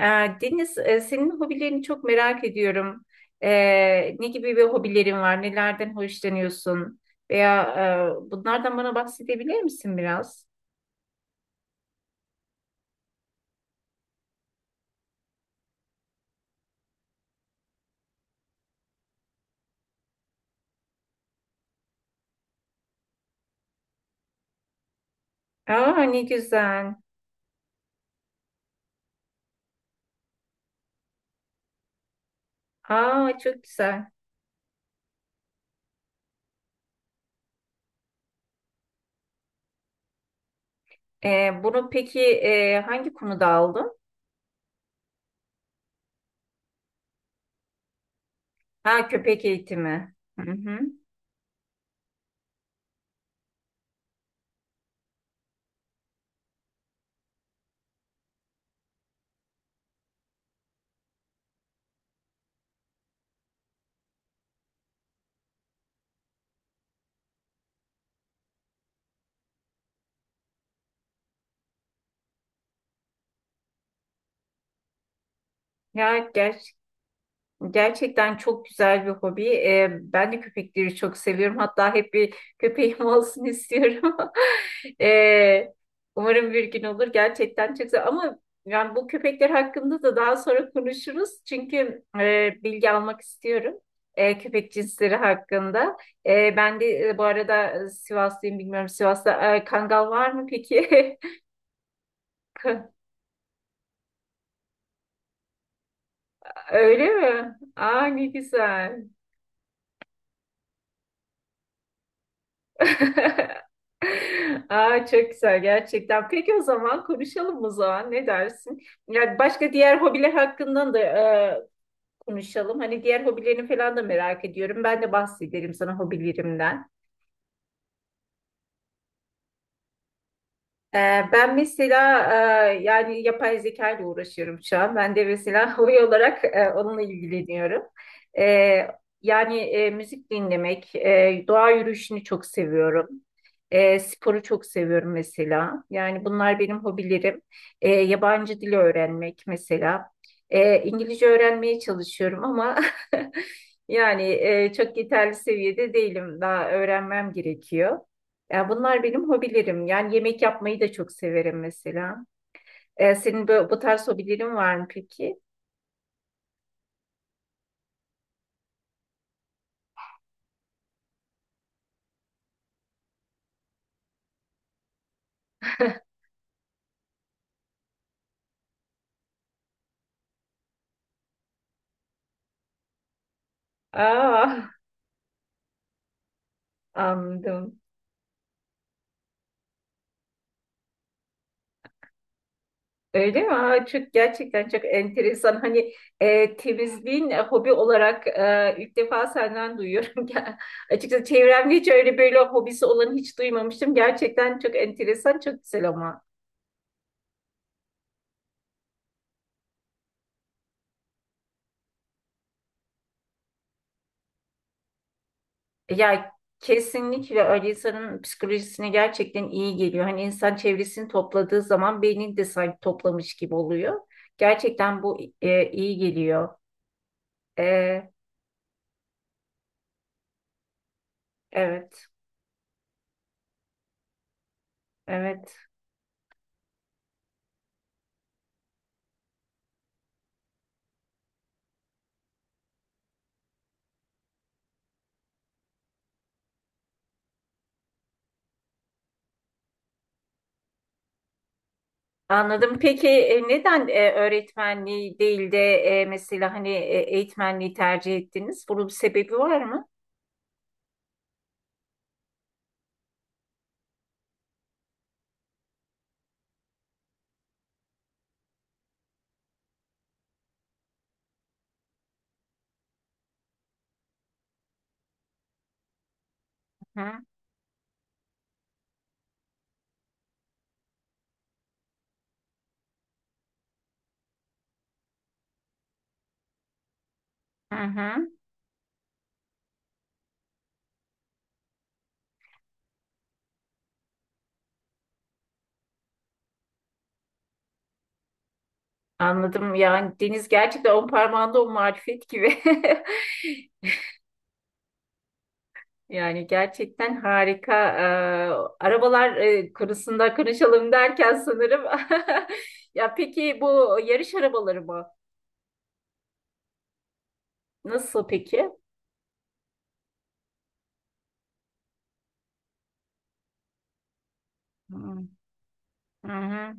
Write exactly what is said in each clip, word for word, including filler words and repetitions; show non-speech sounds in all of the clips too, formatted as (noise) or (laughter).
Ee, Deniz, e, senin hobilerini çok merak ediyorum. Ee, ne gibi bir hobilerin var? Nelerden hoşlanıyorsun? Veya e, bunlardan bana bahsedebilir misin biraz? Aa ne güzel. Aa çok güzel. Ee, bunu peki e, hangi konuda aldın? Ha köpek eğitimi. Hı hı. Ya gerçekten. Gerçekten çok güzel bir hobi. Ee, ben de köpekleri çok seviyorum. Hatta hep bir köpeğim (laughs) olsun istiyorum. (laughs) Ee, Umarım bir gün olur. Gerçekten çok güzel. Ama yani bu köpekler hakkında da daha sonra konuşuruz. Çünkü e, bilgi almak istiyorum. e, köpek cinsleri hakkında. E, ben de e, bu arada e, Sivaslıyım bilmiyorum. Sivas'ta e, kangal var mı peki? (laughs) Öyle mi? Aa ne güzel. (laughs) Aa, çok güzel gerçekten. Peki o zaman konuşalım o zaman. Ne dersin? Yani başka diğer hobiler hakkında da e, konuşalım. Hani diğer hobilerini falan da merak ediyorum. Ben de bahsederim sana hobilerimden. Ee, Ben mesela e, yani yapay zeka ile uğraşıyorum şu an. Ben de mesela (laughs) hobi olarak e, onunla ilgileniyorum. Ee, Yani e, müzik dinlemek, e, doğa yürüyüşünü çok seviyorum. E, sporu çok seviyorum mesela. Yani bunlar benim hobilerim. E, yabancı dil öğrenmek mesela. E, İngilizce öğrenmeye çalışıyorum ama (laughs) yani e, çok yeterli seviyede değilim. Daha öğrenmem gerekiyor. Ya bunlar benim hobilerim. Yani yemek yapmayı da çok severim mesela. E, senin bu, bu tarz hobilerin var mı peki? Aa, anladım. Öyle mi? Aa, çok gerçekten çok enteresan. Hani e, temizliğin e, hobi olarak e, ilk defa senden duyuyorum. (laughs) Ya, açıkçası çevremde hiç öyle böyle hobisi olanı hiç duymamıştım. Gerçekten çok enteresan, çok güzel ama. Ya kesinlikle öyle insanın psikolojisine gerçekten iyi geliyor. Hani insan çevresini topladığı zaman beynini de sanki toplamış gibi oluyor. Gerçekten bu e, iyi geliyor. E, evet, evet. Anladım. Peki e, neden e, öğretmenliği değil de e, mesela hani e, eğitmenliği tercih ettiniz? Bunun bir sebebi var mı? Hı hı. Anladım. Yani Deniz gerçekten on parmağında on marifet gibi. (laughs) Yani gerçekten harika. Ee, arabalar e, konusunda konuşalım derken sanırım. (laughs) Ya peki bu yarış arabaları mı? Nasıl peki? Hmm. Hı hı.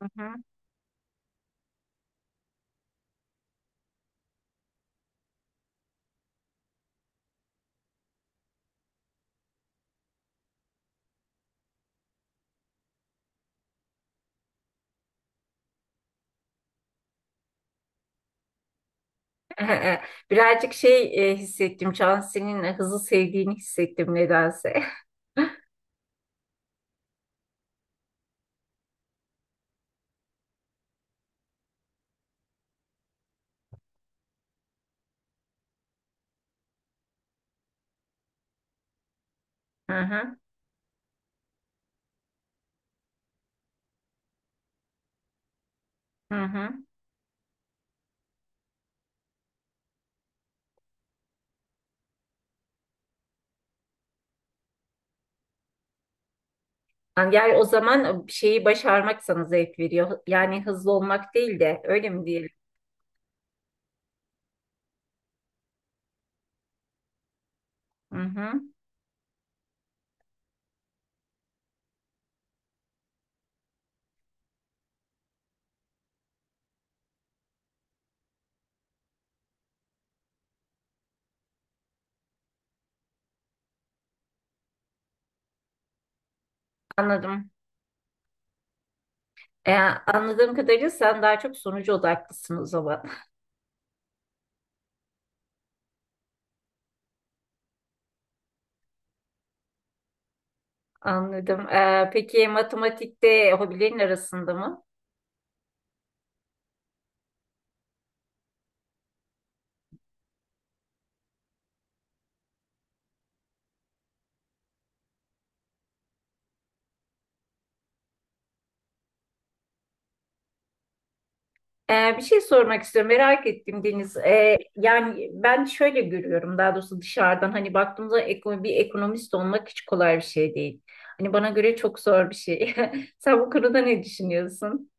Hı hı. (laughs) Birazcık şey e, hissettim. Cansu'nun hızı sevdiğini hissettim nedense. (laughs) Hı hı. Hı hı. Yani yani o zaman şeyi başarmak sana zevk veriyor. Yani hızlı olmak değil de öyle mi diyelim? Hı hı. Anladım. Ee, Anladığım kadarıyla sen daha çok sonucu odaklısın o zaman. (laughs) Anladım. Ee, peki matematikte hobilerin arasında mı? Ee, bir şey sormak istiyorum. Merak ettim Deniz. Ee, yani ben şöyle görüyorum daha doğrusu dışarıdan hani baktığımda ekonomi, bir ekonomist olmak hiç kolay bir şey değil. Hani bana göre çok zor bir şey. (laughs) Sen bu konuda ne düşünüyorsun?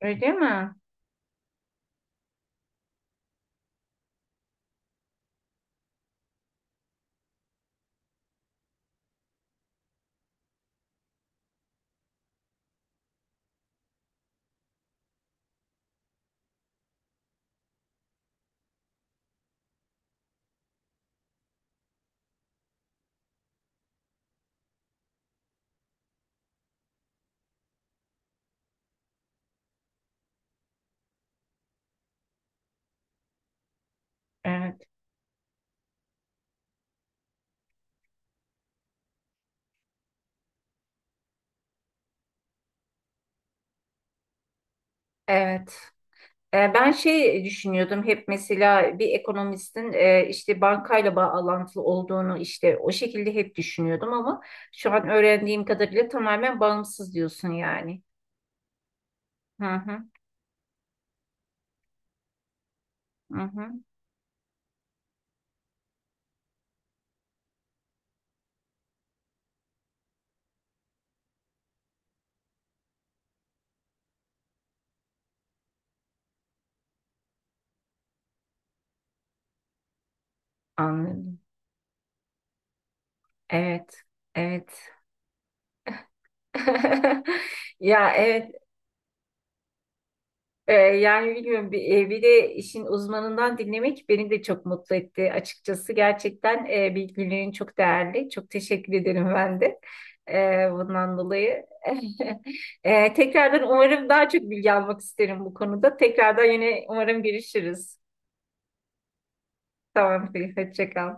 Öyle mi? Evet, evet. E, Ben şey düşünüyordum hep mesela bir ekonomistin e, işte bankayla bağlantılı olduğunu işte o şekilde hep düşünüyordum ama şu an öğrendiğim kadarıyla tamamen bağımsız diyorsun yani. Hı hı, hı hı. Anladım. Evet, evet. (laughs) Ya evet. Ee, yani bilmiyorum bir, e, bir de işin uzmanından dinlemek beni de çok mutlu etti açıkçası. Gerçekten e, bilgilerin çok değerli. Çok teşekkür ederim ben de e, bundan dolayı. (laughs) E, tekrardan umarım daha çok bilgi almak isterim bu konuda. Tekrardan yine umarım görüşürüz. Tamam, hoşça kal.